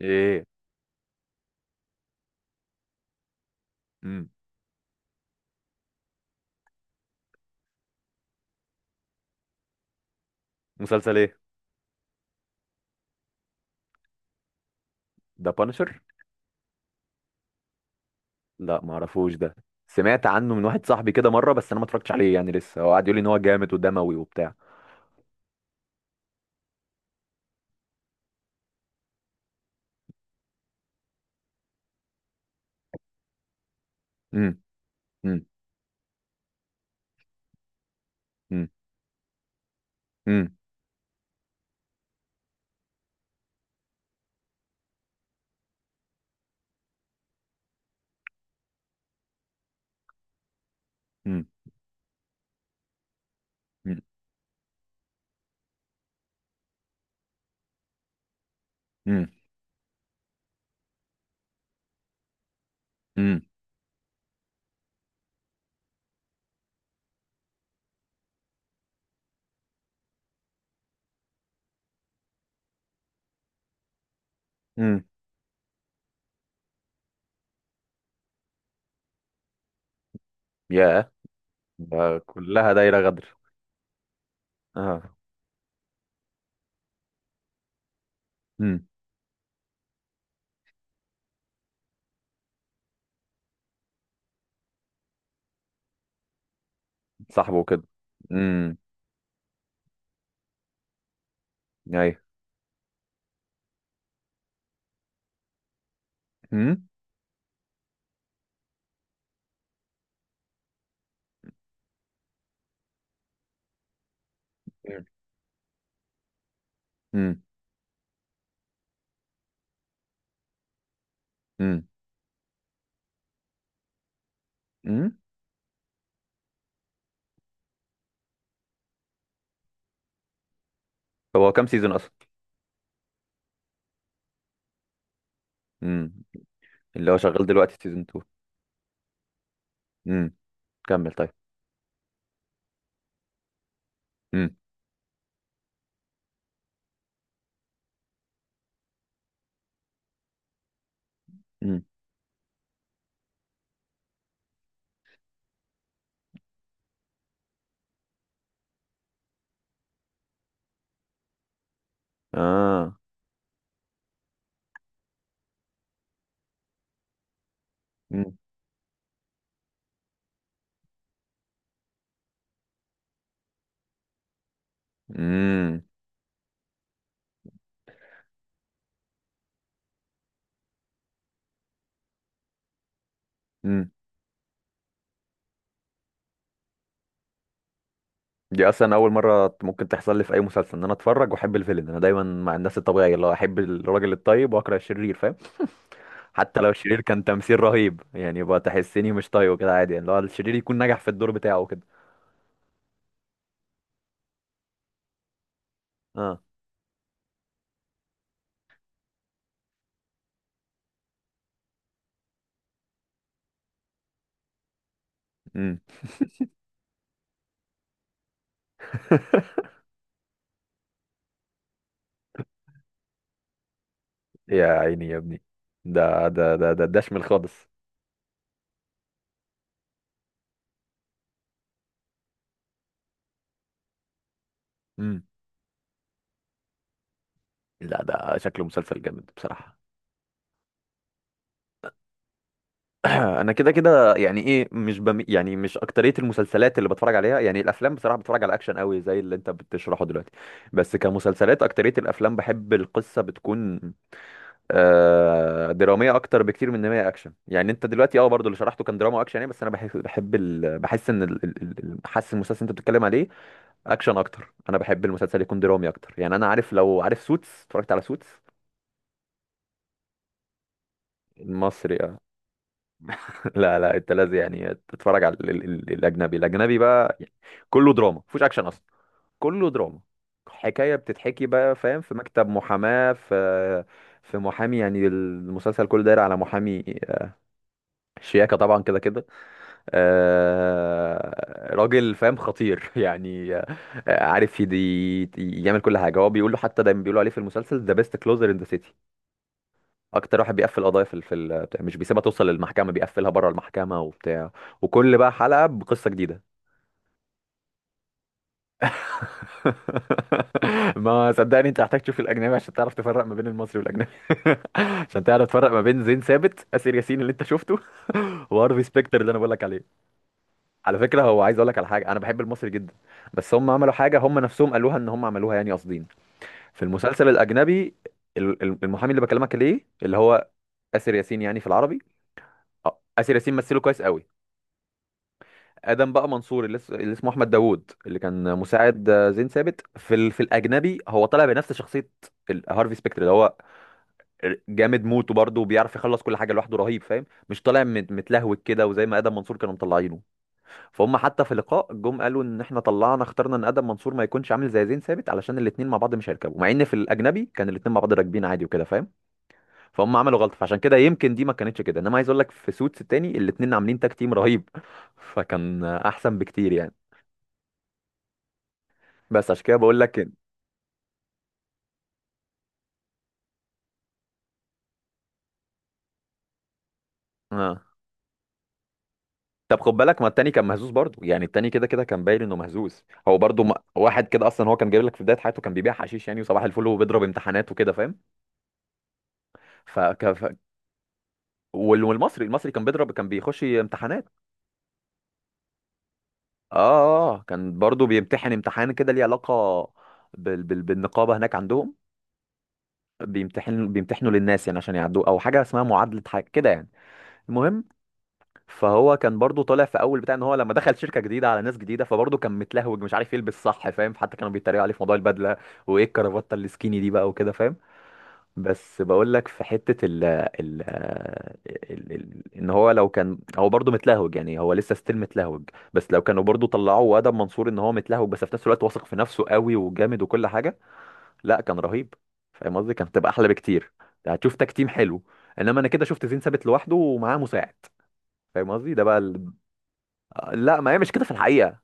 ايه. امم. مسلسل ايه؟ ده بانشر. لا ما اعرفوش ده. سمعت عنه من واحد صاحبي كده مره، بس انا ما اتفرجتش عليه يعني، لسه هو قاعد يقول لي ان هو جامد ودموي وبتاع. امم. امم. امم. امم. امم. امم. امم. امم. يا، ده كلها دايره غدر. اه. امم. صاحبه كده. امم. ايوه. امم. امم. امم. امم. هو كام سيزون اصلا؟ امم. اللي هو شغال دلوقتي سيزون 2. امم. كمل، طيب. امم. امم. اه. امم. امم. امم. دي اصلا اول مره ممكن تحصل لي في اي مسلسل ان انا اتفرج واحب الفيلن. انا دايما مع الناس الطبيعيه اللي هو احب الراجل الطيب واكره الشرير، فاهم؟ حتى لو الشرير كان تمثيل رهيب يعني، يبقى تحسني مش طيب كده عادي، يعني اللي هو الشرير يكون نجح في الدور بتاعه كده. اه. امم. يا عيني يا ابني، ده شمل خالص. امم. لا، ده شكله مسلسل جامد بصراحه. انا كده كده يعني ايه، مش بم... يعني مش اكتريه المسلسلات اللي بتفرج عليها، يعني الافلام بصراحه، بتفرج على اكشن قوي زي اللي انت بتشرحه دلوقتي. بس كمسلسلات اكتريه الافلام، بحب القصه بتكون دراميه اكتر بكتير من ان هي اكشن. يعني انت دلوقتي برضو اللي شرحته كان دراما اكشن يعني. بس انا بحب بحب ال... بحس ان ال... ال- ال- حاسس المسلسل اللي انت بتتكلم عليه اكشن اكتر. انا بحب المسلسل يكون درامي اكتر يعني. انا عارف، لو عارف سوتس اتفرجت على سوتس المصري آه. لا لا، انت لازم يعني تتفرج على الاجنبي بقى يعني. كله دراما، مفيش اكشن اصلا. كله دراما، حكايه بتتحكي بقى، فاهم؟ في مكتب محاماه، في محامي. يعني المسلسل كله داير على محامي آه، شياكه طبعا كده كده آه، راجل فاهم خطير يعني آه، عارف يدي يعمل كل حاجه هو بيقول له. حتى دايما بيقولوا عليه في المسلسل ذا بيست كلوزر ان ذا سيتي. اكتر واحد بيقفل قضايا مش بيسيبها توصل للمحكمه، بيقفلها بره المحكمه وبتاع. وكل بقى حلقه بقصه جديده. ما صدقني، انت محتاج تشوف الاجنبي عشان تعرف تفرق ما بين المصري والاجنبي. عشان تعرف تفرق ما بين زين ثابت اسر ياسين اللي انت شفته، وهارفي سبيكتر اللي انا بقول لك عليه. على فكره، هو عايز اقول لك على حاجه، انا بحب المصري جدا. بس هم عملوا حاجه، هم نفسهم قالوها ان هم عملوها يعني قاصدين، في المسلسل الاجنبي. المحامي اللي بكلمك ليه، اللي هو اسر ياسين يعني في العربي. اه، آسر ياسين مثله كويس قوي. آدم بقى منصور اللي اسمه أحمد داوود، اللي كان مساعد آه، زين ثابت في الأجنبي، هو طالع بنفس شخصية هارفي سبيكتر اللي هو جامد موت، وبرضه بيعرف يخلص كل حاجة لوحده رهيب فاهم. مش طالع متلهوج كده، وزي ما آدم منصور كانوا مطلعينه. فهم حتى في اللقاء جم قالوا إن إحنا طلعنا اخترنا إن آدم منصور ما يكونش عامل زي زين ثابت، علشان الاتنين مع بعض مش هيركبوا، مع إن في الأجنبي كان الاتنين مع بعض راكبين عادي وكده فاهم. فهم عملوا غلطه، فعشان كده يمكن دي ما كانتش كده، انما عايز اقول لك في سوتس التاني الاتنين عاملين تاك تيم رهيب. فكان احسن بكتير يعني. بس عشان كده بقول لك اه. طب خد بالك، ما التاني كان مهزوز برضه يعني، التاني كده كده كان باين انه مهزوز، هو برضه ما... واحد كده اصلا. هو كان جايب لك في بدايه حياته كان بيبيع حشيش يعني، وصباح الفل وبيضرب امتحانات وكده فاهم. ف... ك... ف... وال- والمصري كان بيضرب، كان بيخش امتحانات. اه آه، آه، كان برضه بيمتحن امتحان كده ليه علاقه بالنقابه هناك عندهم. بيمتحنوا للناس يعني عشان يعدوا او حاجه اسمها معادله حاجه كده يعني. المهم، فهو كان برضو طالع في اول بتاع ان هو لما دخل شركه جديده على ناس جديده، فبرضه كان متلهوج مش عارف يلبس صح فاهم، حتى كانوا بيتريقوا عليه في موضوع البدله. وايه الكرافته السكيني دي بقى وكده فاهم. بس بقول لك في حته ال ال ال ال ان هو لو كان هو برضه متلهوج يعني، هو لسه ستيل متلهوج. بس لو كانوا برضه طلعوه وادب منصور ان هو متلهوج بس في نفس الوقت واثق في نفسه قوي وجامد وكل حاجه، لا كان رهيب. فاهم قصدي، كانت هتبقى احلى بكتير. يعني هتشوف تكتيم حلو. انما انا كده شفت زين ثابت لوحده ومعاه مساعد. فاهم قصدي، ده بقى. لا، ما هي مش كده في الحقيقه.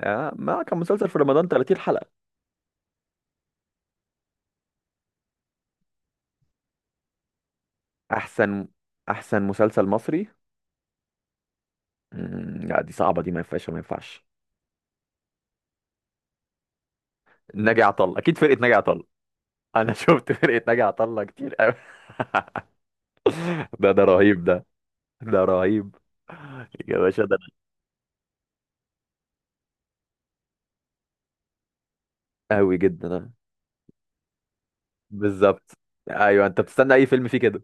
آه، ما كان مسلسل في رمضان 30 حلقه. احسن احسن مسلسل مصري؟ مم، لا دي صعبه دي، ما ينفعش ما ينفعش. ناجي عطا الله. اكيد فرقه ناجي عطا الله. انا شفت فرقه ناجي عطا الله كتير قوي. ده رهيب ده. ده رهيب يا باشا ده. قوي جدا آه. بالظبط. ايوه، انت بتستنى اي فيلم فيه كده.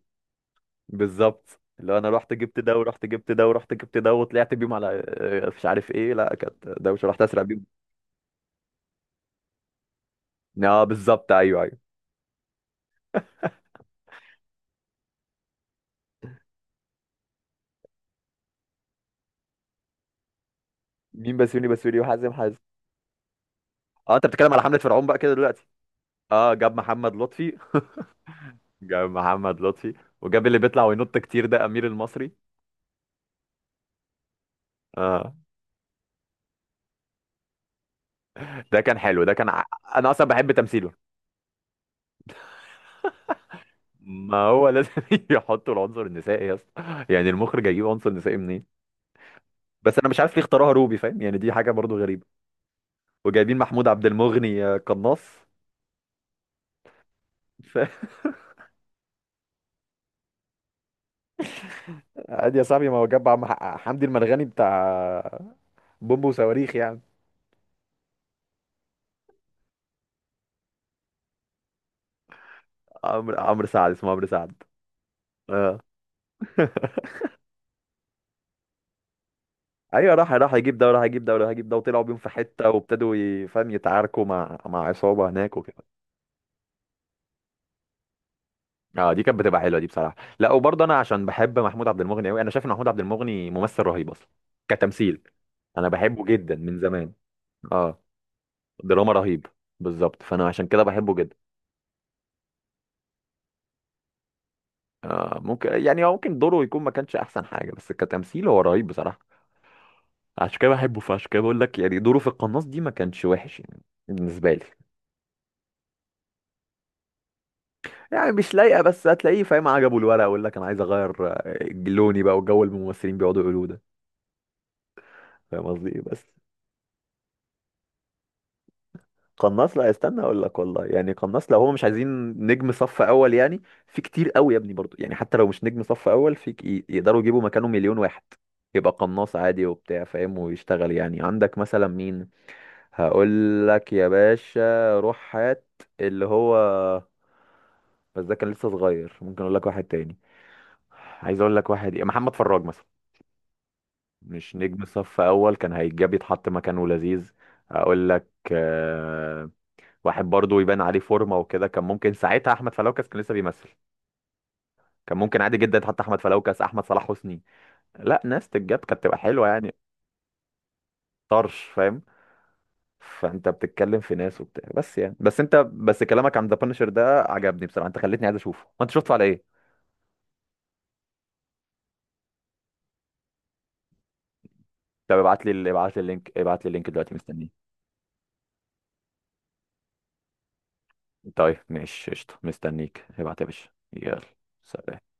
بالظبط. اللي هو انا رحت جبت ده ورحت جبت ده ورحت جبت ده وطلعت بيهم على آه، مش عارف ايه. لا، كانت دوشه، رحت اسرع بيهم. اه، بالظبط. ايوه، ايوه. مين بسيوني بسيوني وحازم حازم؟ اه، انت بتتكلم على حمله فرعون بقى كده دلوقتي. اه، جاب محمد لطفي. جاب محمد لطفي، وجاب اللي بيطلع وينط كتير ده امير المصري. اه، ده كان حلو، ده كان انا اصلا بحب تمثيله. ما هو لازم يحطوا العنصر النسائي يا اسطى. يعني المخرج هيجيب عنصر نسائي منين؟ بس انا مش عارف ليه اختاروها روبي فاهم، يعني دي حاجه برضو غريبه. وجايبين محمود عبد المغني آه، قناص. ف- عادي يا صاحبي، ما هو جاب حمدي المرغني بتاع بومب وصواريخ يعني. عمرو سعد. اسمه عمرو سعد. اه ايوه، راح يجيب ده وراح يجيب ده وراح يجيب ده، وطلعوا بيهم في حته وابتدوا فاهم يتعاركوا مع عصابه هناك وكده. اه، دي كانت بتبقى حلوه دي بصراحه. لا وبرضه، انا عشان بحب محمود عبد المغني قوي. انا شايف ان محمود عبد المغني ممثل رهيب اصلا كتمثيل. انا بحبه جدا من زمان. اه، دراما رهيب. بالظبط، فانا عشان كده بحبه جدا. آه ممكن، يعني هو ممكن دوره يكون ما كانش احسن حاجه، بس كتمثيل هو رهيب بصراحه. عشان كده بحبه، فعشان كده بقول لك يعني دوره في القناص دي ما كانش وحش يعني بالنسبه لي. يعني مش لايقه بس، هتلاقيه فاهم عجبه الورق، ويقول لك انا عايز اغير آه، لوني بقى، والجو اللي الممثلين بيقعدوا يقولوه ده. فاهم قصدي إيه؟ بس. قناص، لا استنى اقول لك والله. يعني قناص، لو هو مش عايزين نجم صف اول، يعني في كتير قوي يا ابني برضو. يعني حتى لو مش نجم صف اول يقدروا يجيبوا مكانه مليون واحد، يبقى قناص عادي وبتاع فاهم ويشتغل. يعني عندك مثلا مين؟ هقول لك يا باشا، روح هات اللي هو، بس ده كان لسه صغير. ممكن اقول لك واحد تاني. عايز اقول لك واحد إيه، محمد فراج مثلا. مش نجم صف اول، كان هيتجاب يتحط مكانه لذيذ. اقول لك آه، واحد برضو يبان عليه فورمه وكده. كان ممكن ساعتها احمد فلوكس كان لسه بيمثل. كان ممكن عادي جدا يتحط احمد فلوكس، احمد صلاح حسني. لا، ناس تتجاب كانت تبقى حلوه يعني طرش فاهم. فانت بتتكلم في ناس وبتاع بس يعني، بس كلامك عن ذا بانشر ده عجبني بصراحه، انت خلتني عايز اشوفه. وانت شفته على ايه؟ طب ابعت لي، ابعت لي اللينك، ابعت لي اللينك دلوقتي، مستنيه. طيب ماشي قشطه، مستنيك ابعت يا باشا، يلا. سلام.